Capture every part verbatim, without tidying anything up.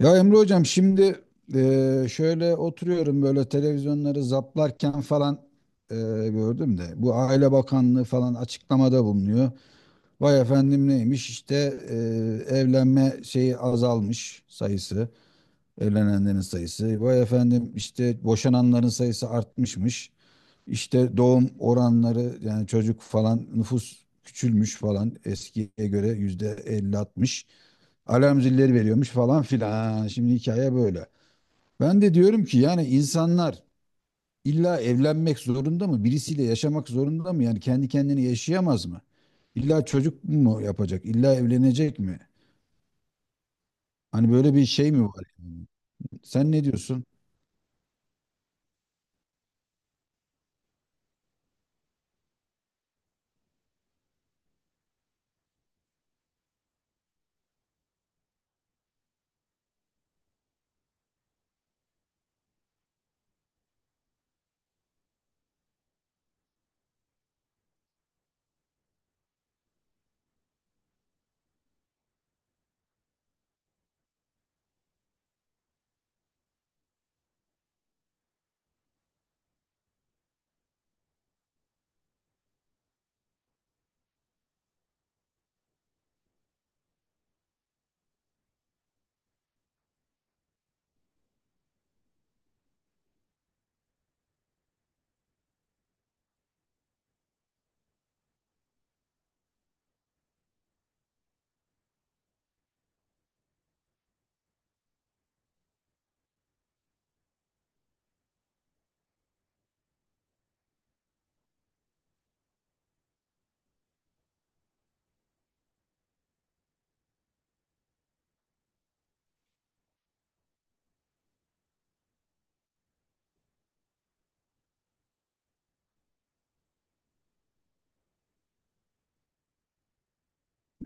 Ya Emre hocam şimdi eee, şöyle oturuyorum böyle televizyonları zaplarken falan eee, gördüm de bu Aile Bakanlığı falan açıklamada bulunuyor. Vay efendim neymiş işte eee, evlenme şeyi azalmış sayısı evlenenlerin sayısı. Vay efendim işte boşananların sayısı artmışmış. İşte doğum oranları yani çocuk falan nüfus küçülmüş falan eskiye göre yüzde elli altmış alarm zilleri veriyormuş falan filan. Ha, şimdi hikaye böyle. Ben de diyorum ki yani insanlar illa evlenmek zorunda mı? Birisiyle yaşamak zorunda mı? Yani kendi kendini yaşayamaz mı? İlla çocuk mu yapacak? İlla evlenecek mi? Hani böyle bir şey mi var, yani? Sen ne diyorsun?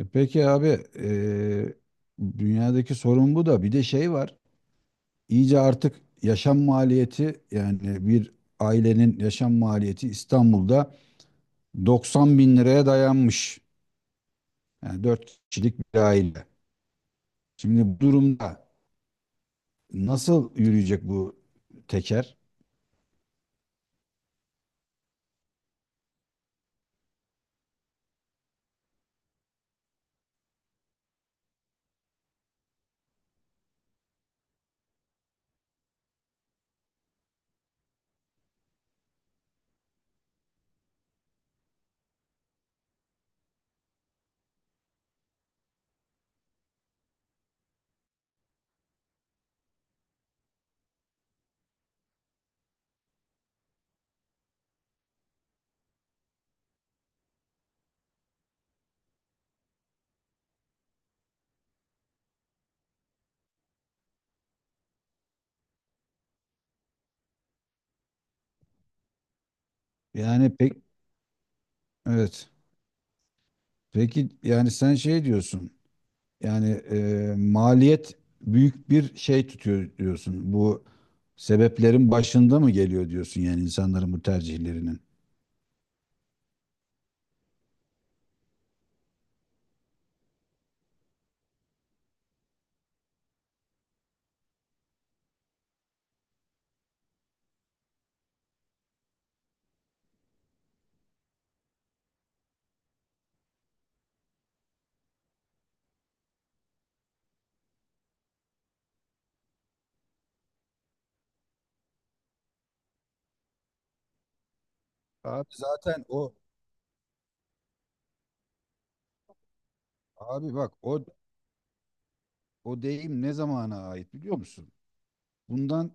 E Peki abi, e, dünyadaki sorun bu da bir de şey var. İyice artık yaşam maliyeti yani bir ailenin yaşam maliyeti İstanbul'da doksan bin liraya dayanmış. Yani dört kişilik bir aile. Şimdi bu durumda nasıl yürüyecek bu teker? Yani pek. Evet. Peki yani sen şey diyorsun. Yani e, maliyet büyük bir şey tutuyor diyorsun. Bu sebeplerin başında mı geliyor diyorsun yani insanların bu tercihlerinin? Abi zaten o Abi bak, o o deyim ne zamana ait biliyor musun? Bundan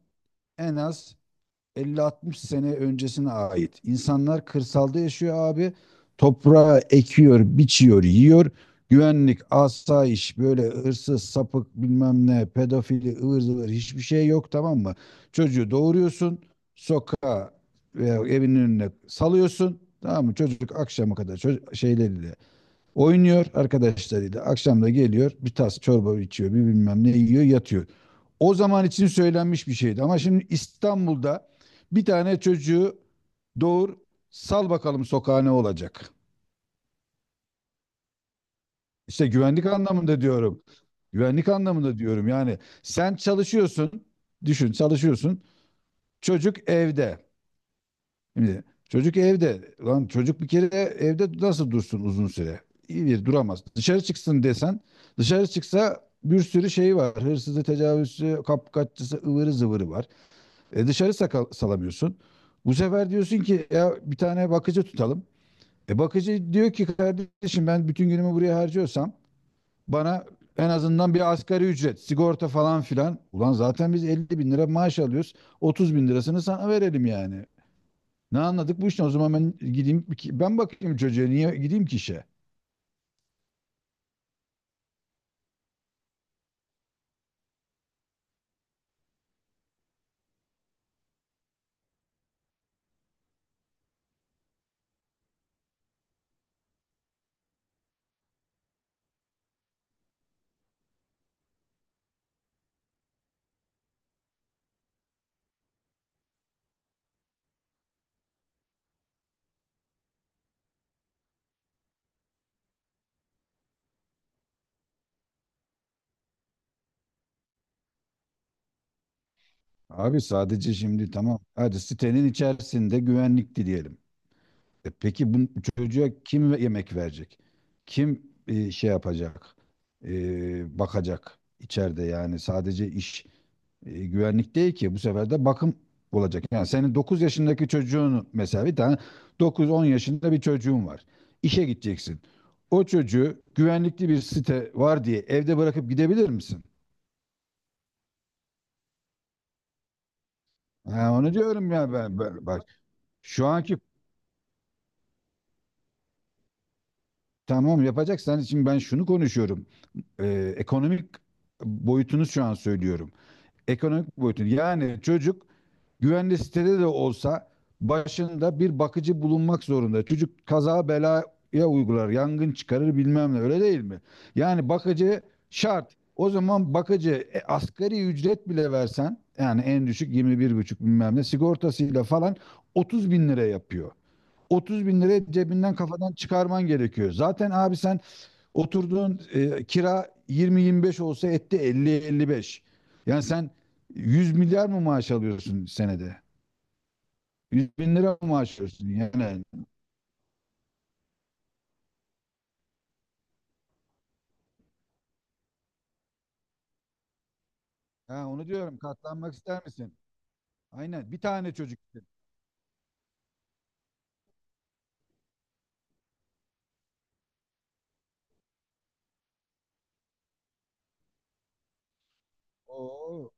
en az elli altmış sene öncesine ait. İnsanlar kırsalda yaşıyor abi. Toprağı ekiyor, biçiyor, yiyor. Güvenlik, asayiş, böyle hırsız, sapık bilmem ne, pedofili, ıvır zıvır hiçbir şey yok, tamam mı? Çocuğu doğuruyorsun, sokağa veya evinin önüne salıyorsun. Tamam mı? Çocuk akşama kadar çocuk, şeyleriyle oynuyor arkadaşlarıyla. Akşam da geliyor, bir tas çorba içiyor, bir bilmem ne yiyor, yatıyor. O zaman için söylenmiş bir şeydi ama şimdi İstanbul'da bir tane çocuğu doğur, sal bakalım sokağa, ne olacak. İşte güvenlik anlamında diyorum. Güvenlik anlamında diyorum, yani sen çalışıyorsun, düşün, çalışıyorsun, çocuk evde. Şimdi çocuk evde. Lan çocuk bir kere evde nasıl dursun uzun süre? İyi bir duramaz. Dışarı çıksın desen, dışarı çıksa bir sürü şey var. Hırsızı, tecavüzcü, kapkaççısı, ıvırı zıvırı var. E dışarı saka- salamıyorsun. Bu sefer diyorsun ki ya bir tane bakıcı tutalım. E bakıcı diyor ki kardeşim, ben bütün günümü buraya harcıyorsam bana en azından bir asgari ücret, sigorta falan filan. Ulan zaten biz elli bin lira maaş alıyoruz. Otuz bin lirasını sana verelim yani. Ne anladık bu işten? O zaman ben gideyim ki- ben bakayım çocuğa, niye gideyim ki işe? Abi sadece şimdi tamam, hadi sitenin içerisinde güvenlikti diyelim. E peki bu çocuğa kim ve- yemek verecek? Kim e, şey yapacak? E, bakacak içeride, yani sadece iş e, güvenlik değil ki. Bu sefer de bakım olacak. Yani senin dokuz yaşındaki çocuğun, mesela bir tane dokuz on yaşında bir çocuğun var. İşe gideceksin. O çocuğu güvenlikli bir site var diye evde bırakıp gidebilir misin? Ha, onu diyorum ya, ben, ben- bak, şu anki, tamam, yapacaksan şimdi ben şunu konuşuyorum. Ee, ekonomik boyutunu şu an söylüyorum. Ekonomik boyutunu yani çocuk güvenli sitede de olsa başında bir bakıcı bulunmak zorunda. Çocuk kaza belaya uygular, yangın çıkarır bilmem ne, öyle değil mi? Yani bakıcı şart. O zaman bakıcı, e, asgari ücret bile versen yani en düşük yirmi bir buçuk bilmem ne sigortasıyla falan otuz bin lira yapıyor. Otuz bin lira cebinden kafadan çıkarman gerekiyor. Zaten abi sen oturduğun e, kira yirmi yirmi beş olsa etti elli elli beş. Yani sen yüz milyar mı maaş alıyorsun senede? yüz bin lira maaş alıyorsun yani. Ha, onu diyorum, katlanmak ister misin? Aynen bir tane çocuk. Oo,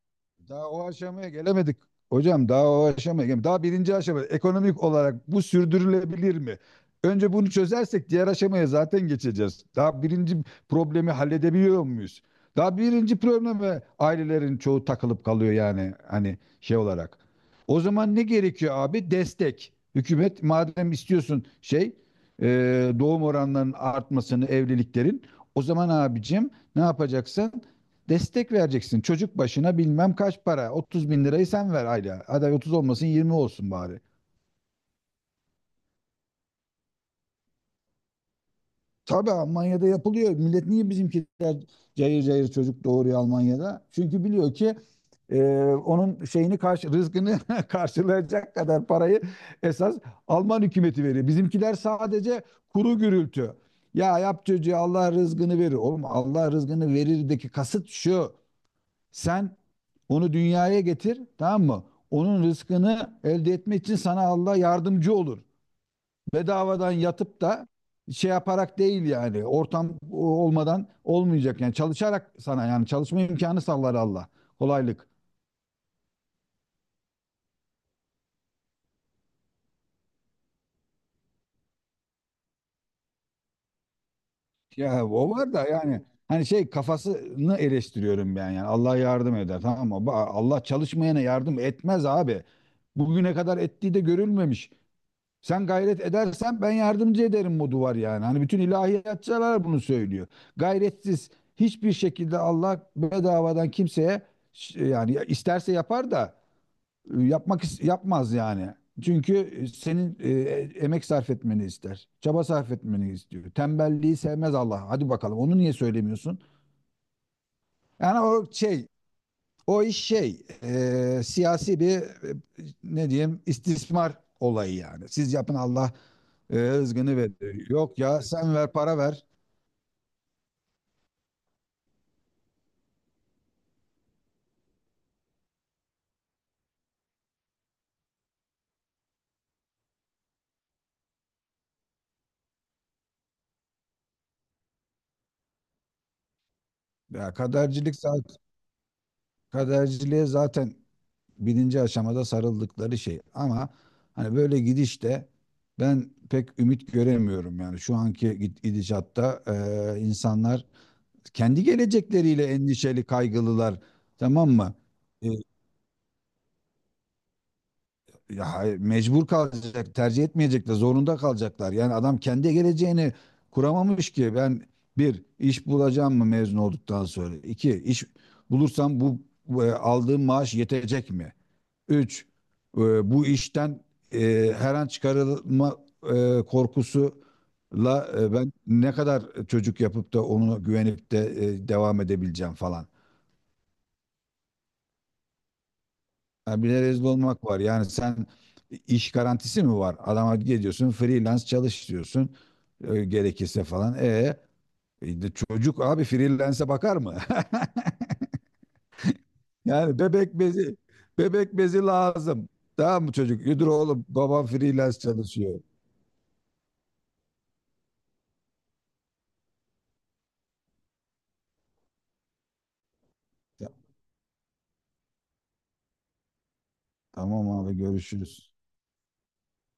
daha o aşamaya gelemedik. Hocam daha o aşamaya gelemedik. Daha birinci aşama ekonomik olarak bu sürdürülebilir mi? Önce bunu çözersek diğer aşamaya zaten geçeceğiz. Daha birinci problemi halledebiliyor muyuz? Daha birinci probleme ailelerin çoğu takılıp kalıyor yani, hani şey olarak. O zaman ne gerekiyor abi? Destek. Hükümet madem istiyorsun şey, e, doğum oranlarının artmasını, evliliklerin, o zaman abicim ne yapacaksın? Destek vereceksin. Çocuk başına bilmem kaç para. otuz bin lirayı sen ver ayda. Hadi otuz olmasın, yirmi olsun bari. Tabii Almanya'da yapılıyor. Millet niye bizimkiler cayır cayır çocuk doğuruyor Almanya'da? Çünkü biliyor ki e, onun şeyini karşı rızkını karşılayacak kadar parayı esas Alman hükümeti veriyor. Bizimkiler sadece kuru gürültü. Ya, yap çocuğu Allah rızkını verir. Oğlum Allah rızkını verirdeki kasıt şu. Sen onu dünyaya getir, tamam mı? Onun rızkını elde etmek için sana Allah yardımcı olur. Bedavadan yatıp da şey yaparak değil, yani ortam olmadan olmayacak, yani çalışarak, sana yani çalışma imkanı sağlar Allah. Kolaylık. Ya o var da yani hani şey kafasını eleştiriyorum ben, yani Allah yardım eder, tamam mı? Ba- Allah çalışmayana yardım etmez abi. Bugüne kadar ettiği de görülmemiş. Sen gayret edersen ben yardımcı ederim modu var yani. Hani bütün ilahiyatçılar bunu söylüyor. Gayretsiz hiçbir şekilde Allah bedavadan kimseye ş- yani isterse yapar da e, yapmak is- yapmaz yani. Çünkü e, senin e, e, emek sarf etmeni ister. Çaba sarf etmeni istiyor. Tembelliği sevmez Allah. Hadi bakalım onu niye söylemiyorsun? Yani o şey, o iş şey e, siyasi bir, e, ne diyeyim, istismar olayı yani. Siz yapın Allah e, rızgını verir. Yok ya, sen ver, para ver. Ya kadercilik zaten, kaderciliğe zaten birinci aşamada sarıldıkları şey. Ama hani böyle gidişte ben pek ümit göremiyorum yani şu anki gid- gidişatta e, insanlar kendi gelecekleriyle endişeli kaygılılar, tamam mı? E, Ya hayır, mecbur kalacak, tercih etmeyecekler, zorunda kalacaklar. Yani adam kendi geleceğini kuramamış ki. Ben bir, iş bulacağım mı mezun olduktan sonra? İki, iş bulursam bu bu, e, aldığım maaş yetecek mi? Üç, e, bu işten e, her an çıkarılma e, korkusuyla e, ben ne kadar çocuk yapıp da onu güvenip de e, devam edebileceğim falan. Ha, bir de rezil olmak var. Yani sen, iş garantisi mi var? Adama gidiyorsun freelance çalış diyorsun. E, gerekirse falan. E, e, de çocuk abi freelance'e bakar mı? Yani bebek bezi bebek bezi lazım. Tamam mı çocuk? Yürü oğlum babam freelance çalışıyor. Ya, tamam abi görüşürüz.